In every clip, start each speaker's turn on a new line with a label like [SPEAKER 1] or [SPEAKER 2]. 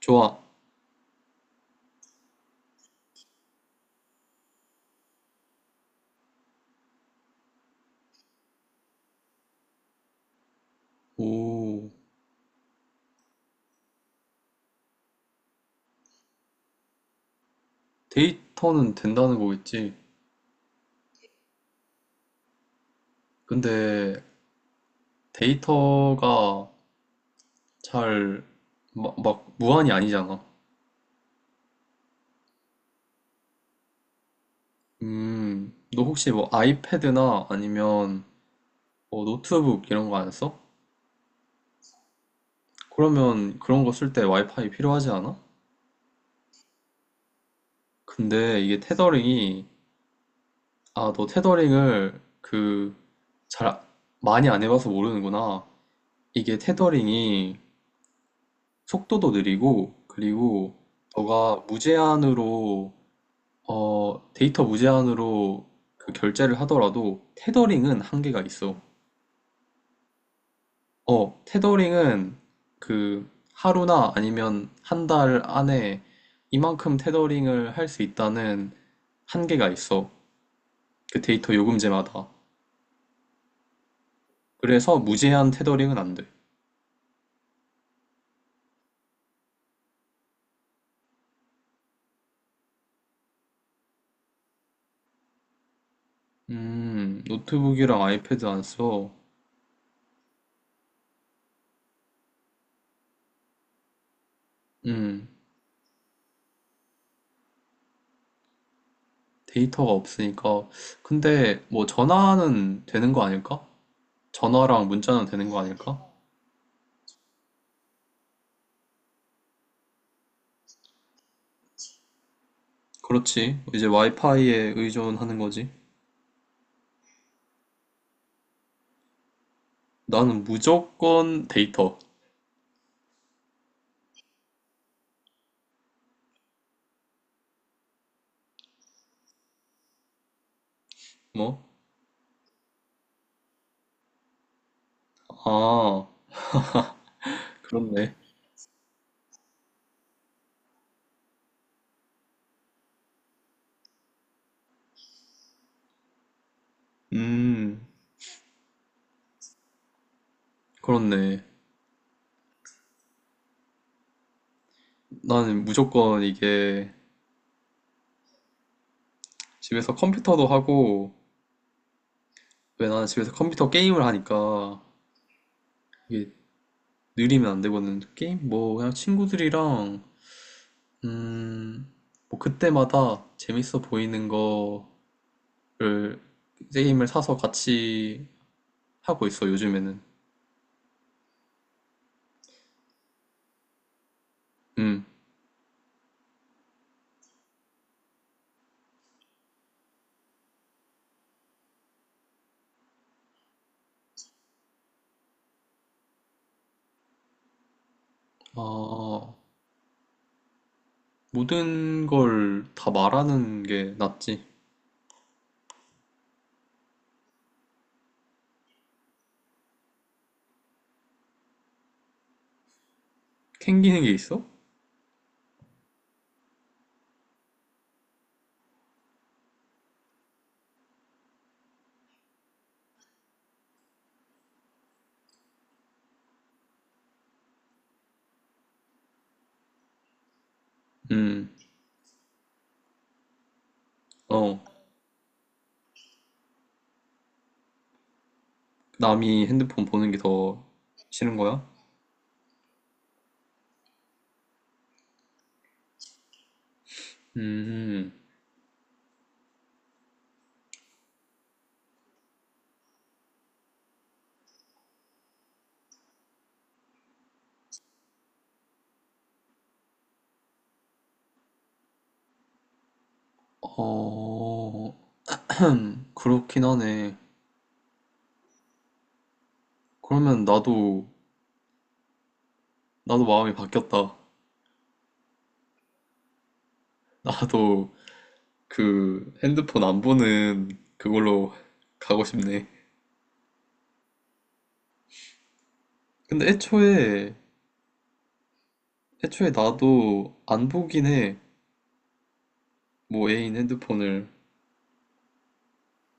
[SPEAKER 1] 좋아. 오, 데이터는 된다는 거겠지. 근데 데이터가 잘, 무한이 아니잖아. 너 혹시 뭐 아이패드나 아니면 뭐 노트북 이런 거 안 써? 그러면 그런 거 쓸 때 와이파이 필요하지 않아? 근데 이게 테더링이, 아, 너 테더링을 그, 잘, 많이 안 해봐서 모르는구나. 이게 테더링이 속도도 느리고, 그리고 너가 무제한으로, 어, 데이터 무제한으로 그 결제를 하더라도 테더링은 한계가 있어. 어, 테더링은 그 하루나 아니면 한 달 안에 이만큼 테더링을 할 수 있다는 한계가 있어. 그 데이터 요금제마다. 그래서 무제한 테더링은 안 돼. 노트북이랑 아이패드 안 써. 음. 데이터가 없으니까. 근데 뭐 전화는 되는 거 아닐까? 전화랑 문자는 되는 거 아닐까? 그렇지. 이제 와이파이에 의존하는 거지. 나는 무조건 데이터. 뭐? 아, 그렇네. 음, 그렇네. 나는 무조건 이게 집에서 컴퓨터도 하고, 왜 나는 집에서 컴퓨터 게임을 하니까 이게 느리면 안 되거든. 게임? 뭐, 그냥 친구들이랑, 음, 뭐 그때마다 재밌어 보이는 거 를 게임을 사서 같이 하고 있어, 요즘에는. 음. 아, 모든 걸 다 말하는 게 낫지. 캥기는 게 있어? 음. 어, 남이 핸드폰 보는 게 더 싫은 거야? 음. 어, 그렇긴 하네. 그러면 나도, 나도 마음이 바뀌었다. 나도 그 핸드폰 안 보는 그걸로 가고 싶네. 근데 애초에 나도 안 보긴 해. 뭐 애인 핸드폰을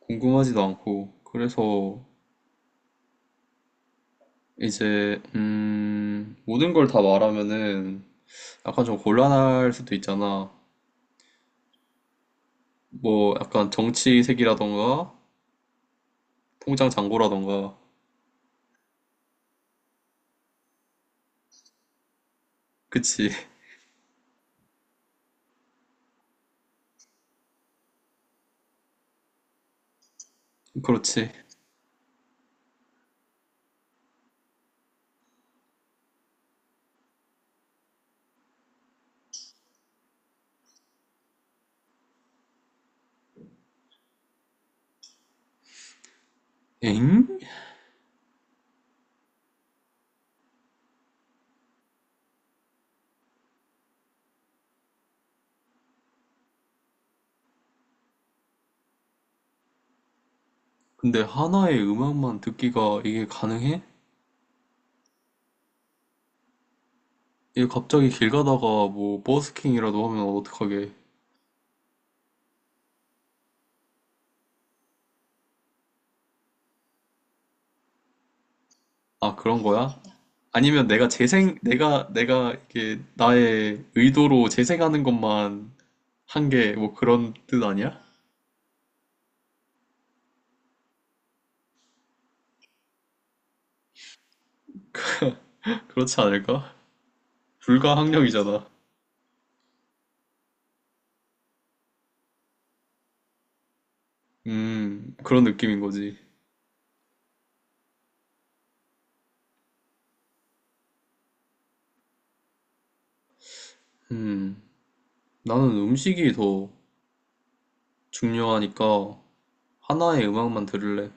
[SPEAKER 1] 궁금하지도 않고. 그래서 이제 모든 걸 다 말하면은 약간 좀 곤란할 수도 있잖아. 뭐 약간 정치색이라던가 통장 잔고라던가. 그치. 그렇지. 엥? 근데 하나의 음악만 듣기가 이게 가능해? 이게 갑자기 길 가다가 뭐 버스킹이라도 하면 어떡하게. 아, 그런 거야? 아니면 내가 이게 나의 의도로 재생하는 것만 한 게 뭐 그런 뜻 아니야? 그렇지 않을까? 불가항력이잖아. 그런 느낌인 거지. 음, 나는 음식이 더 중요하니까 하나의 음악만 들을래.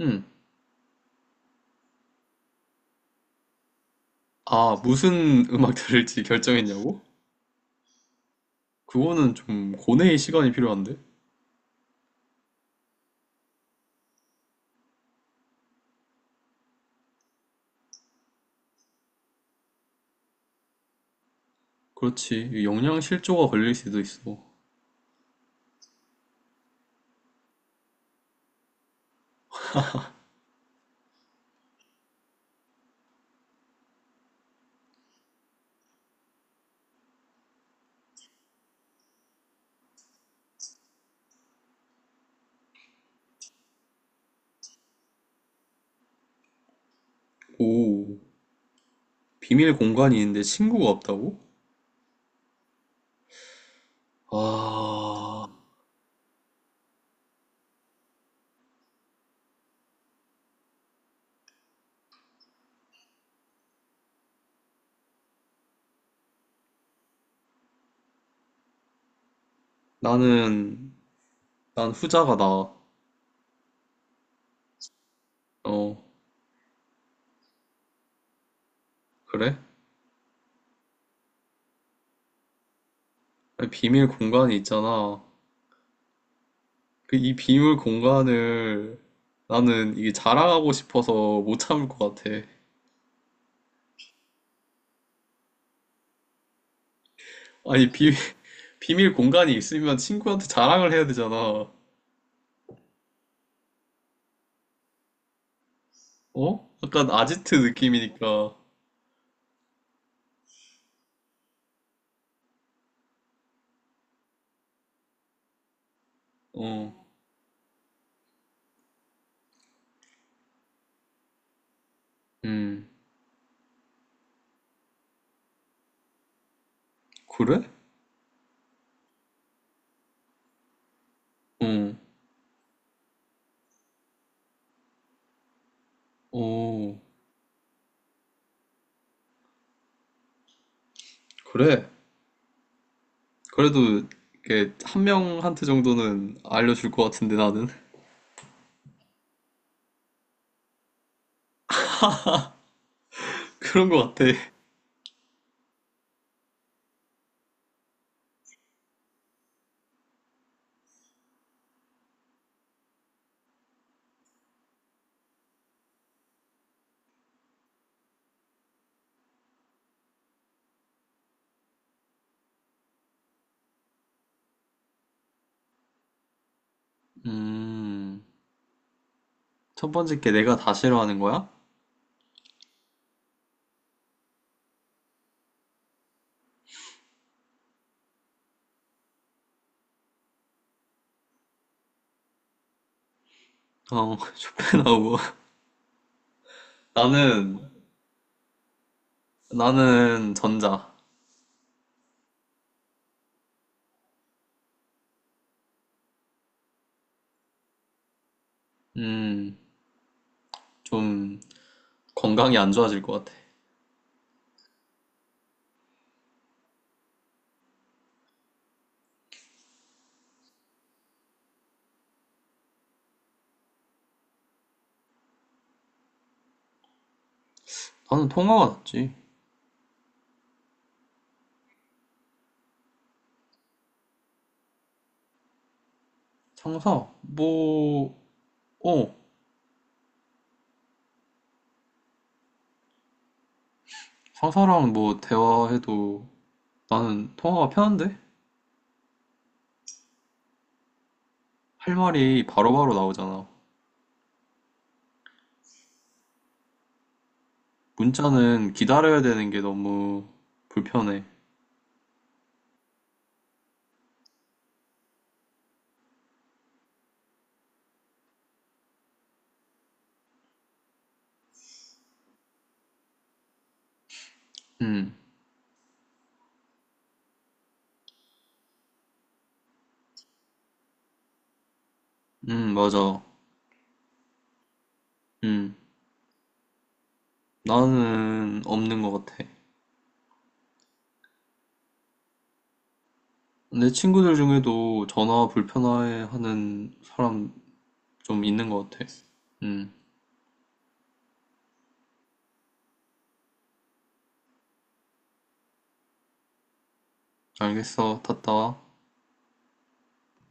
[SPEAKER 1] 음, 아, 무슨 음악 들을지 결정했냐고? 그거는 좀 고뇌의 시간이 필요한데? 그렇지. 영양 실조가 걸릴 수도 있어. 오. 비밀 공간이 있는데 친구가 없다고? 아, 나는 난 후자가 나아. 어, 그래? 아니, 비밀 공간이 있잖아. 그 이 비밀 공간을 나는 이게 자랑하고 싶어서 못 참을 것 같아. 아니, 비, 비밀 공간이 있으면 친구한테 자랑을 해야 되잖아. 어? 약간 아지트 느낌이니까. 어, 음, 그래? 어, 어, 그래. 그래도 이렇게 한 명한테 정도는 알려줄 것 같은데 나는 그런 것 같아. 음, 첫 번째 게 내가 다 싫어하는 거야? 어, 쇼펜하우어. 나는 나는 전자. 음, 좀 건강이 안 좋아질 것 같아. 나는 통화가 낫지. 상사 뭐, 어, 상사랑 뭐 대화해도 나는 통화가 편한데? 할 말이 바로바로 나오잖아. 문자는 기다려야 되는 게 너무 불편해. 음, 맞아. 음, 나는 없는 것 같아. 내 친구들 중에도 전화 불편해하는 사람 좀 있는 것 같아. 음, 알겠어. 탔다.